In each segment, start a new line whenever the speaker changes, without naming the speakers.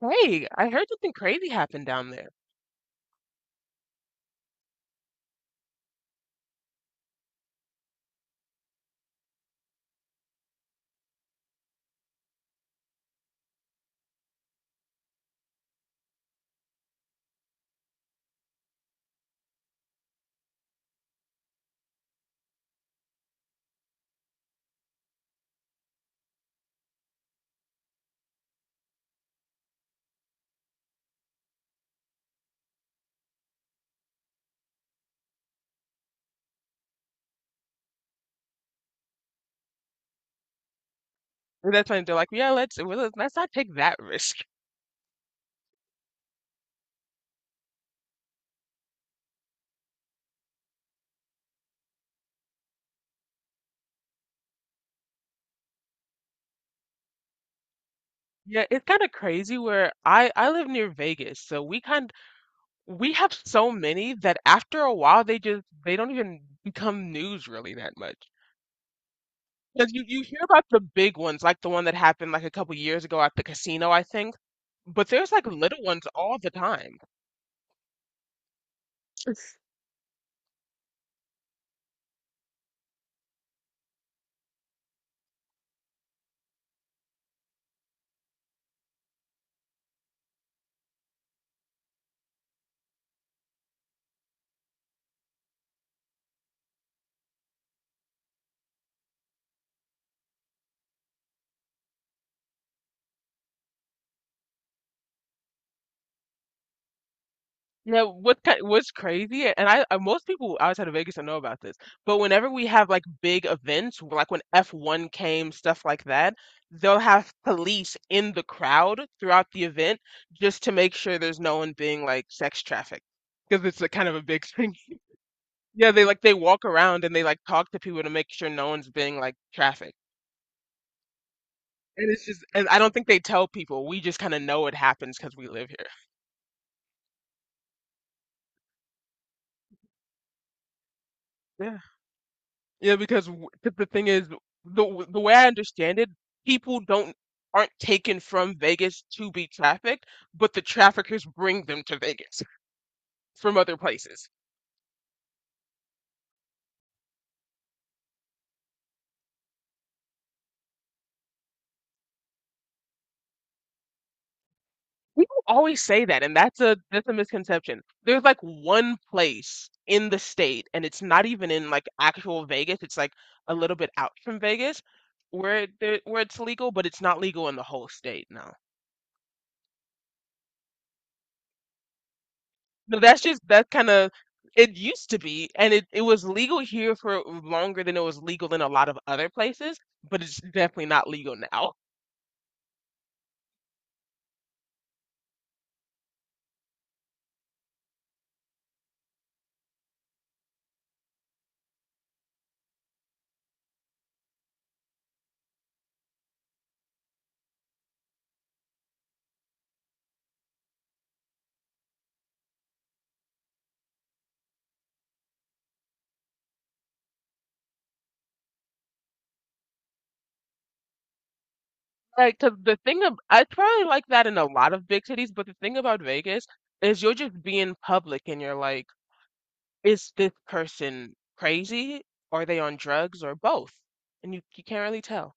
Hey, I heard something crazy happened down there. And that's when they're like, yeah, let's not take that risk. Yeah, it's kind of crazy where I live near Vegas, so we have so many that after a while they just they don't even become news really that much. Because you hear about the big ones, like the one that happened like a couple years ago at the casino, I think, but there's like little ones all the time. Now, what's crazy, and I most people outside of Vegas don't know about this, but whenever we have like big events, like when F1 came, stuff like that, they'll have police in the crowd throughout the event just to make sure there's no one being like sex trafficked, because it's a kind of a big thing. Yeah, they walk around and they like talk to people to make sure no one's being like trafficked. And it's just, and I don't think they tell people. We just kind of know it happens because we live here. Yeah, because 'cause the thing is, the way I understand it, people don't aren't taken from Vegas to be trafficked, but the traffickers bring them to Vegas from other places. People always say that, and that's a misconception. There's like one place in the state, and it's not even in like actual Vegas. It's like a little bit out from Vegas, where it's legal, but it's not legal in the whole state. No. No, that's just that kind of it used to be, and it was legal here for longer than it was legal in a lot of other places, but it's definitely not legal now. Like, 'cause the thing of I probably like that in a lot of big cities, but the thing about Vegas is you are just being public and you're like, is this person crazy? Are they on drugs or both? And you can't really tell.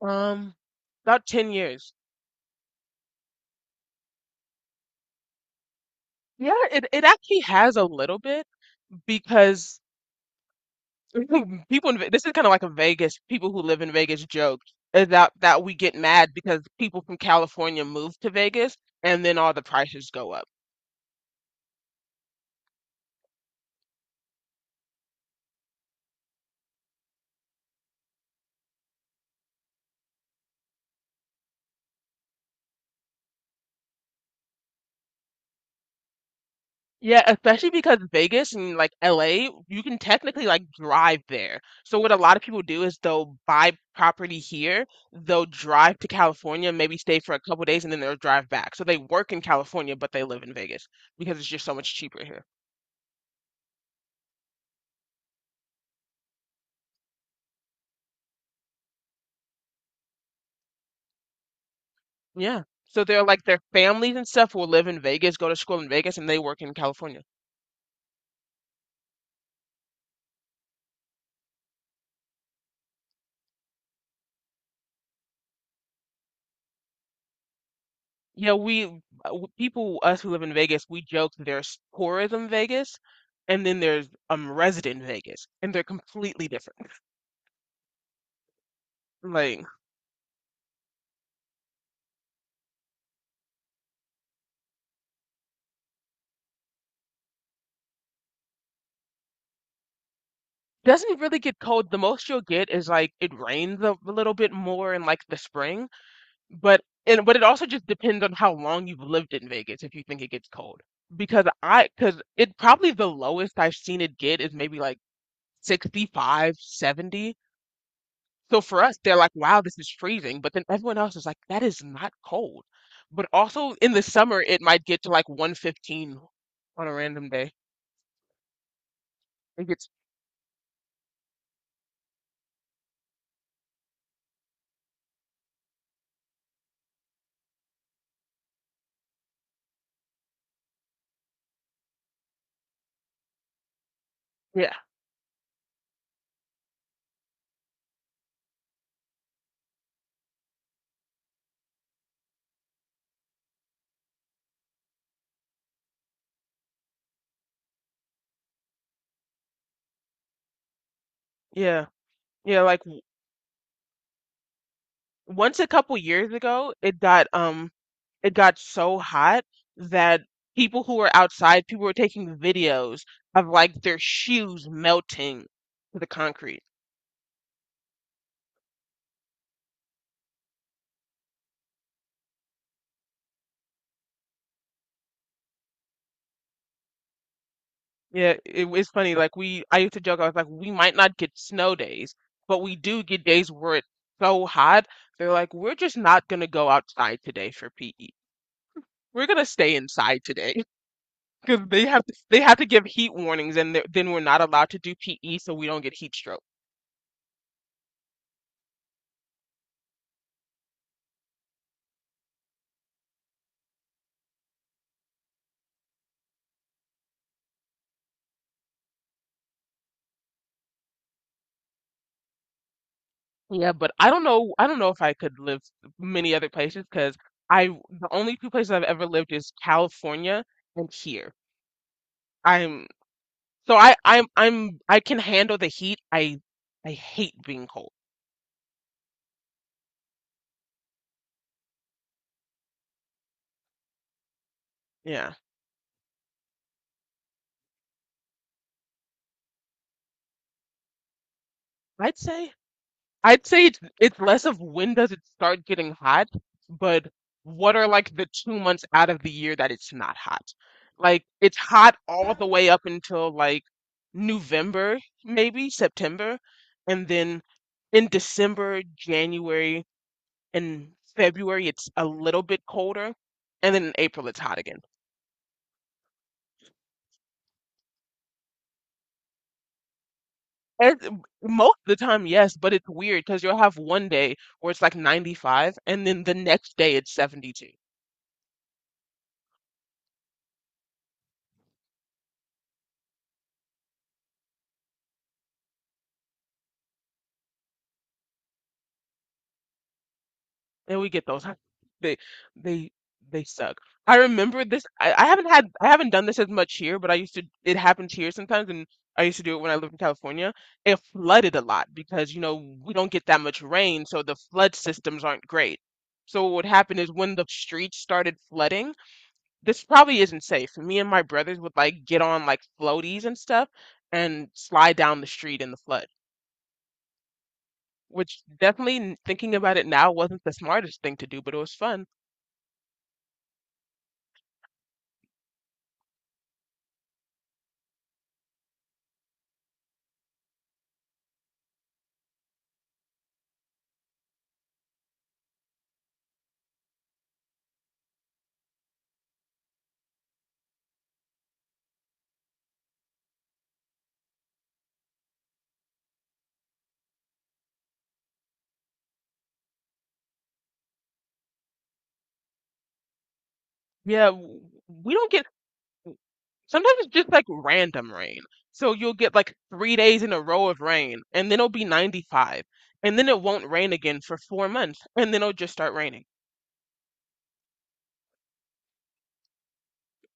Um, about 10 years. Yeah, it actually has a little bit because people in this is kind of like a Vegas, people who live in Vegas joke is that we get mad because people from California move to Vegas and then all the prices go up. Yeah, especially because Vegas and like LA, you can technically like drive there. So what a lot of people do is they'll buy property here, they'll drive to California, maybe stay for a couple days, and then they'll drive back. So they work in California, but they live in Vegas because it's just so much cheaper here. Yeah. So they're like their families and stuff will live in Vegas, go to school in Vegas, and they work in California. Yeah, people us who live in Vegas, we joke that there's tourism Vegas, and then there's resident Vegas, and they're completely different. Like, doesn't really get cold. The most you'll get is like it rains a little bit more in like the spring, but and but it also just depends on how long you've lived in Vegas if you think it gets cold. Because it probably the lowest I've seen it get is maybe like 65 70. So for us, they're like, wow, this is freezing. But then everyone else is like, that is not cold. But also in the summer, it might get to like 115 on a random day. It gets, yeah, yeah, yeah. Like w- Once a couple years ago, it got so hot that people were taking videos of like their shoes melting to the concrete. Yeah, it, it's funny. I used to joke. I was like, we might not get snow days, but we do get days where it's so hot. They're like, we're just not gonna go outside today for PE. We're gonna stay inside today because they have to give heat warnings, and then we're not allowed to do PE, so we don't get heat stroke. Yeah, but I don't know. I don't know if I could live many other places because I the only two places I've ever lived is California and here. I'm. So I I'm I can handle the heat. I hate being cold. Yeah. I'd say I'd say it's less of when does it start getting hot, but what are like the 2 months out of the year that it's not hot? Like it's hot all the way up until like November, maybe September, and then in December, January, and February it's a little bit colder, and then in April it's hot again. And most of the time, yes, but it's weird because you'll have one day where it's like 95, and then the next day it's 72. And we get those. They, they, they suck. I remember this. I haven't done this as much here, but I used to, it happens here sometimes, and I used to do it when I lived in California. It flooded a lot because, you know, we don't get that much rain, so the flood systems aren't great. So what would happen is when the streets started flooding, this probably isn't safe. Me and my brothers would like get on like floaties and stuff and slide down the street in the flood, which definitely thinking about it now wasn't the smartest thing to do, but it was fun. Yeah, w- we don't get sometimes it's just like random rain. So you'll get like 3 days in a row of rain, and then it'll be 95, and then it won't rain again for 4 months, and then it'll just start raining.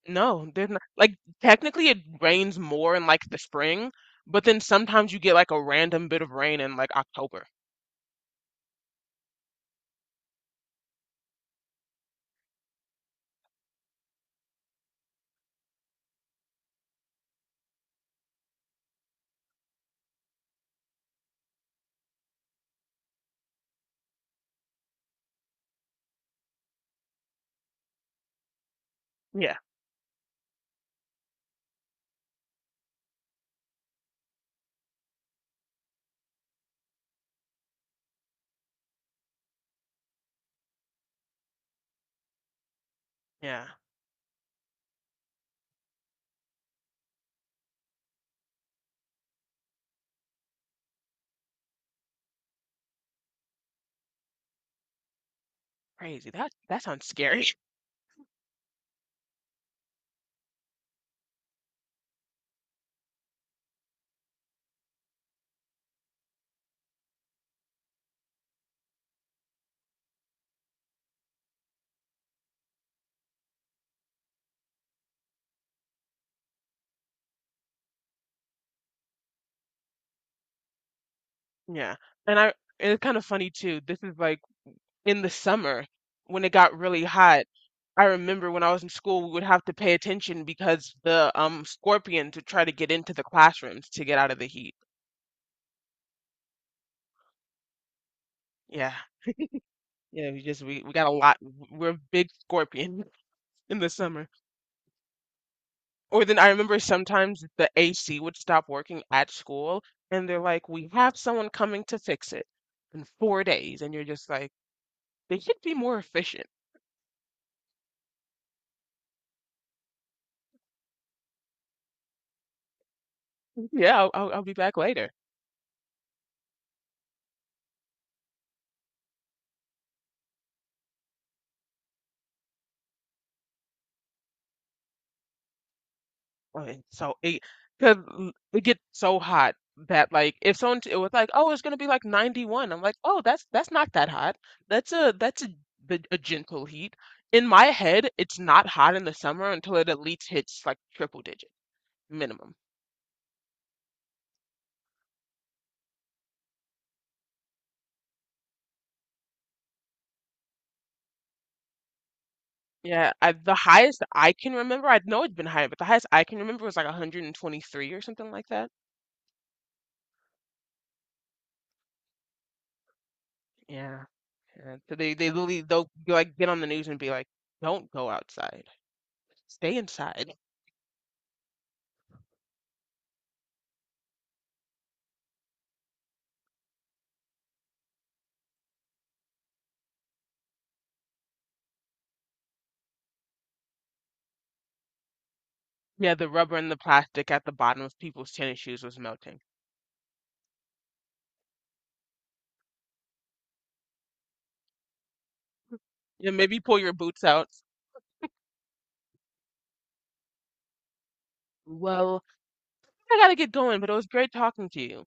No, there's not like technically it rains more in like the spring, but then sometimes you get like a random bit of rain in like October. Yeah, yeah, crazy. That that sounds scary. Yeah, and I and it's kind of funny too. This is like in the summer when it got really hot. I remember when I was in school, we would have to pay attention because the scorpions would try to get into the classrooms to get out of the heat. Yeah, yeah. We got a lot. We're big scorpion in the summer. Or then I remember sometimes the AC would stop working at school, and they're like, "We have someone coming to fix it in 4 days," and you're just like. They should be more efficient. Yeah, I'll be back later. Okay, so it because it gets so hot that like if someone it was like, oh, it's gonna be like 91. I'm like, oh, that's not that hot. That's a a gentle heat. In my head, it's not hot in the summer until it at least hits like triple digit minimum. Yeah, the highest I can remember, I know it's been higher, but the highest I can remember was like 123 or something like that. Yeah. And so they literally they'll like get on the news and be like, "Don't go outside. Stay inside." Yeah, the rubber and the plastic at the bottom of people's tennis shoes was melting. Yeah, maybe pull your boots out. Well, I gotta get going, but it was great talking to you.